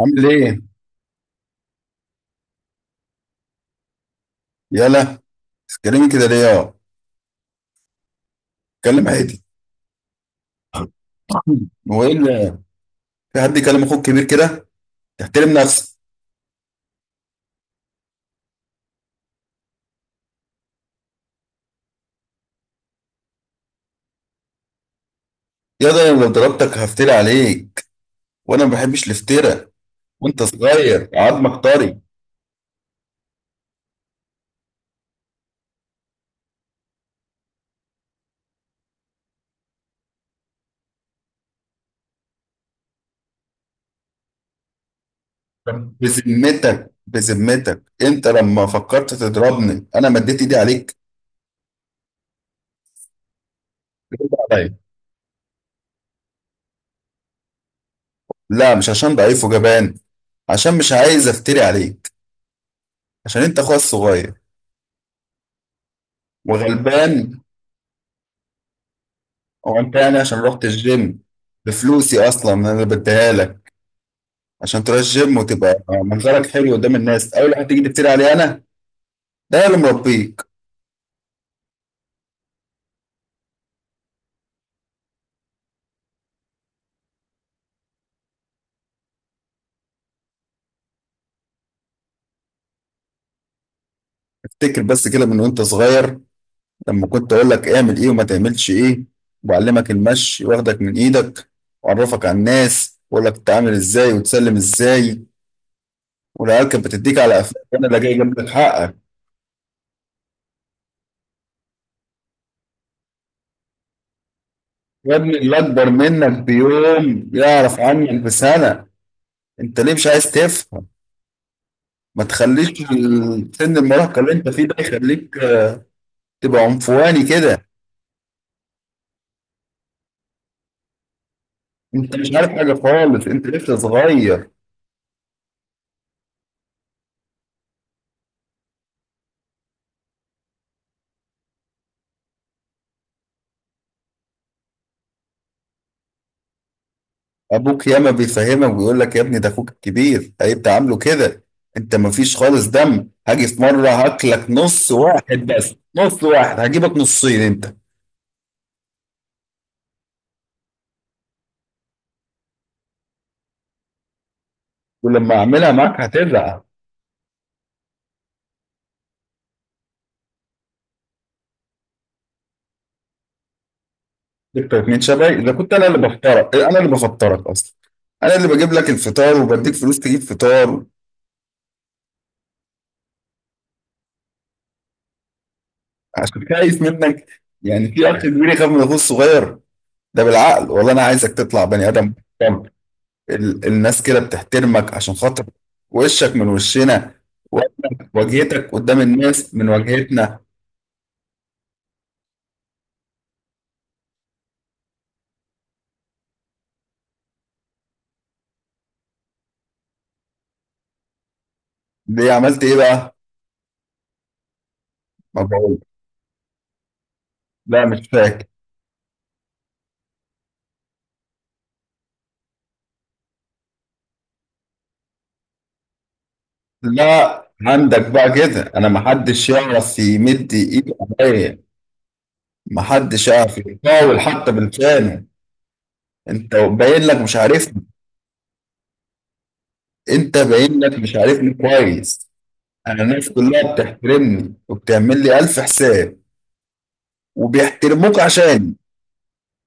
عامل ايه؟ يلا، تتكلمي كده ليه يا؟ اتكلم عادي. هو ايه اللي؟ في حد يكلم اخوك كبير كده؟ تحترم نفسك يا ده. انا لو ضربتك هفتري عليك، وانا ما بحبش الافتراء، وانت صغير عظمك طري. طب بذمتك بذمتك، انت لما فكرت تضربني انا مديت ايدي عليك؟ رد عليا. لا، مش عشان ضعيف وجبان، عشان مش عايز افتري عليك، عشان انت اخويا الصغير وغلبان. هو انت يعني عشان رحت الجيم؟ بفلوسي اصلا انا بديها لك عشان تروح الجيم وتبقى منظرك حلو قدام الناس، اول واحد تيجي تفتري عليه انا؟ ده أنا اللي مربيك. افتكر بس كده من وانت صغير، لما كنت اقول لك اعمل ايه وما تعملش ايه، وبعلمك المشي واخدك من ايدك، واعرفك على الناس واقول لك تتعامل ازاي وتسلم ازاي، والعيال كانت بتديك على قفاك انا اللي جاي جنبك حقك. يا ابني اللي اكبر منك بيوم يعرف عنك بسنه. انت ليه مش عايز تفهم؟ ما تخليش سن المراهقة اللي انت فيه ده يخليك تبقى عنفواني كده. انت مش عارف حاجة خالص، انت لسه صغير. ابوك ياما بيفهمك ويقول لك يا ابني ده اخوك الكبير هيبقى عامله كده. انت مفيش خالص دم، هاجي في مرة هاكلك نص واحد، بس نص واحد هجيبك نصين انت، ولما اعملها معاك هتزعل. دكتور من شبابي، اذا كنت انا اللي بفطرك، انا اللي بفطرك اصلا، انا اللي بجيب لك الفطار وبديك فلوس تجيب فطار. عشان كده خايف منك؟ يعني في اخ كبير يخاف من اخوه الصغير؟ ده بالعقل؟ والله انا عايزك تطلع بني ادم محترم. الناس كده بتحترمك عشان خاطر وشك من وشنا، وإحنا واجهتك قدام الناس من واجهتنا. ليه؟ عملت ايه بقى؟ ما بقول، لا مش فاكر. لا عندك بقى كده، انا ما حدش يعرف يمد ايده عليا، ما حدش يعرف يحاول حتى بالفعل. انت باين لك مش عارفني، انت باين لك مش عارفني كويس. انا الناس كلها بتحترمني وبتعمل لي الف حساب، وبيحترموك عشاني.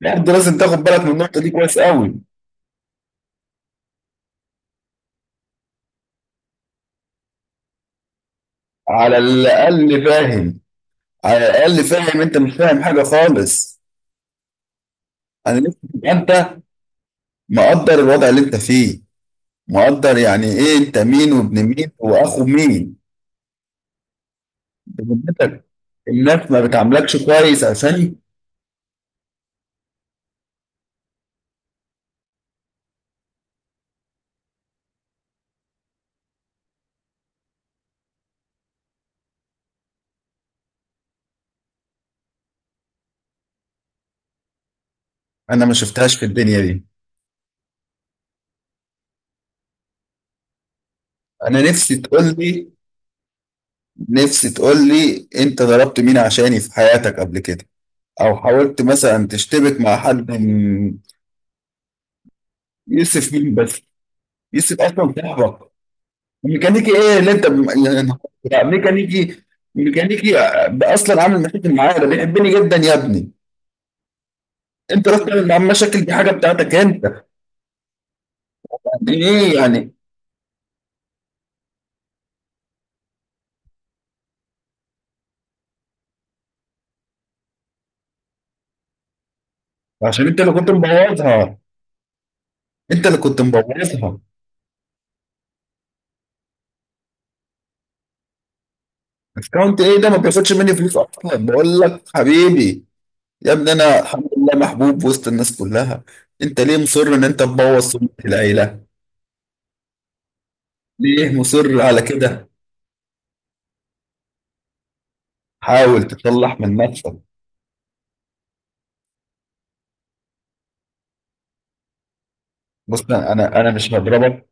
برضه لازم تاخد بالك من النقطه دي كويس قوي. على الاقل فاهم. على الاقل فاهم؟ انت مش فاهم حاجه خالص. انا نفسي تبقى انت مقدر الوضع اللي انت فيه، مقدر يعني ايه انت مين وابن مين واخو مين. بذمتك، الناس ما بتعاملكش كويس عشاني؟ انا ما شفتهاش في الدنيا دي. انا نفسي تقول لي، نفسي تقول لي انت ضربت مين عشاني في حياتك قبل كده، او حاولت مثلا تشتبك مع حد من؟ يوسف مين بس؟ يوسف اصلا صاحبك. ميكانيكي ايه اللي انت يا نهار أبيض. ميكانيكي؟ ميكانيكي؟ ده اصلا عامل مشاكل معايا؟ ده بيحبني جدا يا ابني. انت رحت تعمل معاه مشاكل، دي حاجه بتاعتك انت. يعني ايه يعني؟ عشان انت اللي كنت مبوظها، انت اللي كنت مبوظها. اكونت ايه ده؟ ما بياخدش مني فلوس اصلا، بقول لك حبيبي. يا ابني انا الحمد لله محبوب وسط الناس كلها. انت ليه مصر ان انت تبوظ سمعه العيله؟ ليه مصر على كده؟ حاول تطلع من نفسك. بص، انا مش هضربك.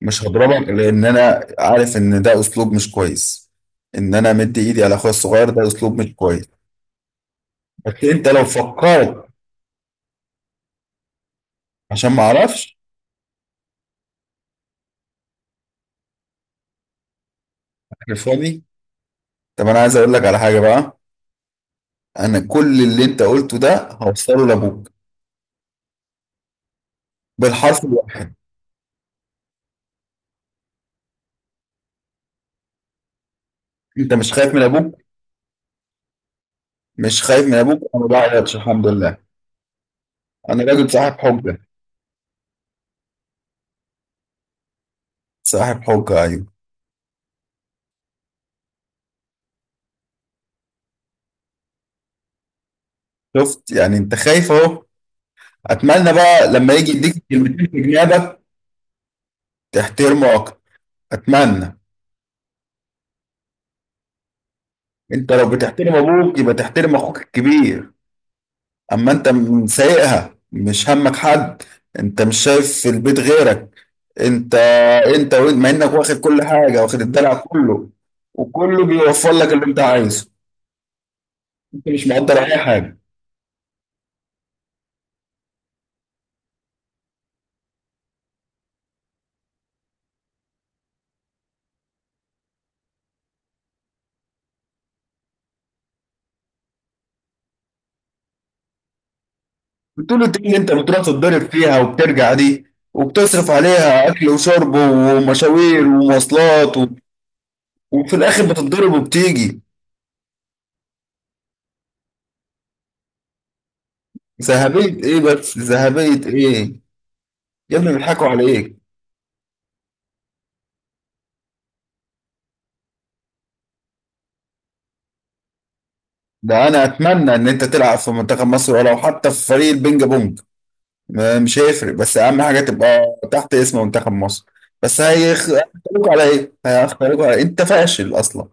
مش هضربك لان انا عارف ان ده اسلوب مش كويس، ان انا مدي ايدي على اخويا الصغير ده اسلوب مش كويس. بس انت لو فكرت عشان ما اعرفش؟ أنا فاضي. طب انا عايز اقول لك على حاجه بقى. انا كل اللي انت قلته ده هوصله لابوك بالحرف الواحد. انت مش خايف من ابوك؟ مش خايف من ابوك؟ انا ما بعرفش. الحمد لله انا راجل صاحب حجه. صاحب حجه، ايوه. شفت؟ يعني انت خايف اهو. اتمنى بقى لما يجي يديك كلمتين في جنابك تحترمه اكتر. اتمنى. انت لو بتحترم ابوك يبقى تحترم اخوك الكبير. اما انت سايقها مش همك حد، انت مش شايف في البيت غيرك. انت انت وانت مع انك واخد كل حاجه واخد الدلع كله، وكله بيوفر لك اللي انت عايزه، انت مش مقدر اي حاجه. بتقول الدنيا اللي انت بتروح تتضرب فيها وبترجع دي، وبتصرف عليها اكل وشرب ومشاوير ومواصلات و... وفي الاخر بتتضرب وبتيجي. ذهبية ايه بس؟ ذهبية ايه؟ يا ابني بيضحكوا عليك. ده انا اتمنى ان انت تلعب في منتخب مصر، ولو حتى في فريق البينج بونج. مش هيفرق، بس اهم حاجة تبقى تحت اسم منتخب مصر. بس هيختاروك على ايه؟ هيختاروك على إيه؟ انت فاشل اصلا.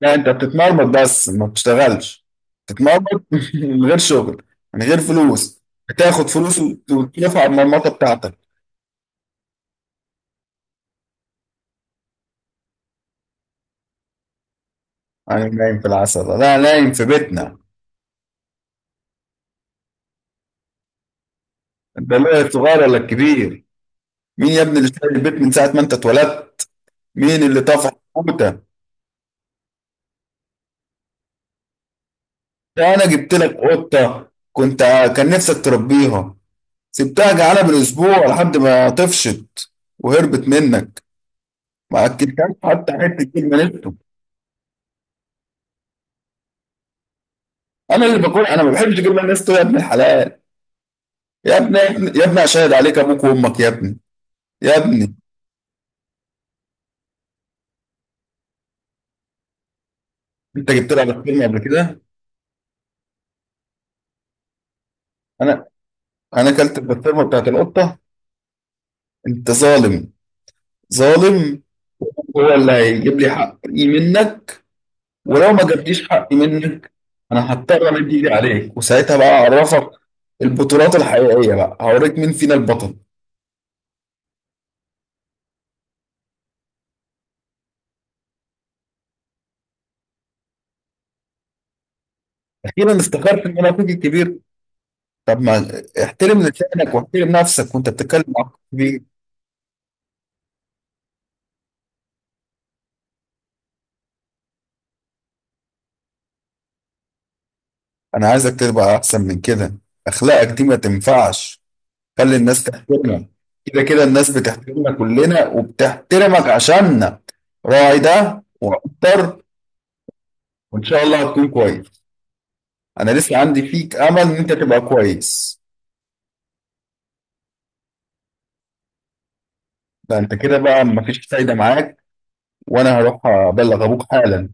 لا، انت بتتمرمط بس ما بتشتغلش. بتتمرمط من غير شغل، من غير فلوس. بتاخد فلوس وتلف على المرمطة بتاعتك. انا نايم في العسل؟ لا، نايم في بيتنا. انت لا الصغير ولا الكبير. مين يا ابني اللي شايل البيت من ساعة ما انت اتولدت؟ مين اللي طفح قوتة؟ ده انا جبت لك قطة كنت كان نفسك تربيها، سبتها جعانة بالاسبوع لحد ما طفشت وهربت منك، ما اكلتهاش حتى حتة جبنة نستو. انا اللي باكل؟ انا ما بحبش جبنة نستو يا ابن الحلال. يا ابني، يا ابني اشهد عليك ابوك وامك يا ابني، يا ابني. انت جبت لها بسطرمة قبل كده؟ انا انا اكلت البسطرمة بتاعت القطة؟ انت ظالم. ظالم. هو اللي هيجيب لي حقي منك، ولو ما جبتيش حقي منك انا هضطر امد ايدي عليك، وساعتها بقى اعرفك البطولات الحقيقيه، بقى هوريك مين فينا البطل. اخيرا استخرت ان انا اخوك الكبير. طب ما احترم لسانك واحترم نفسك وانت بتتكلم مع اخوك الكبير. انا عايزك تبقى احسن من كده، اخلاقك دي ما تنفعش. خلي الناس تحترمك. كده كده الناس بتحترمنا كلنا وبتحترمك عشاننا. راعي ده واقدر. وان شاء الله هتكون كويس. انا لسه عندي فيك امل ان انت تبقى كويس. ده انت كده بقى مفيش فايدة معاك. وانا هروح ابلغ ابوك حالا.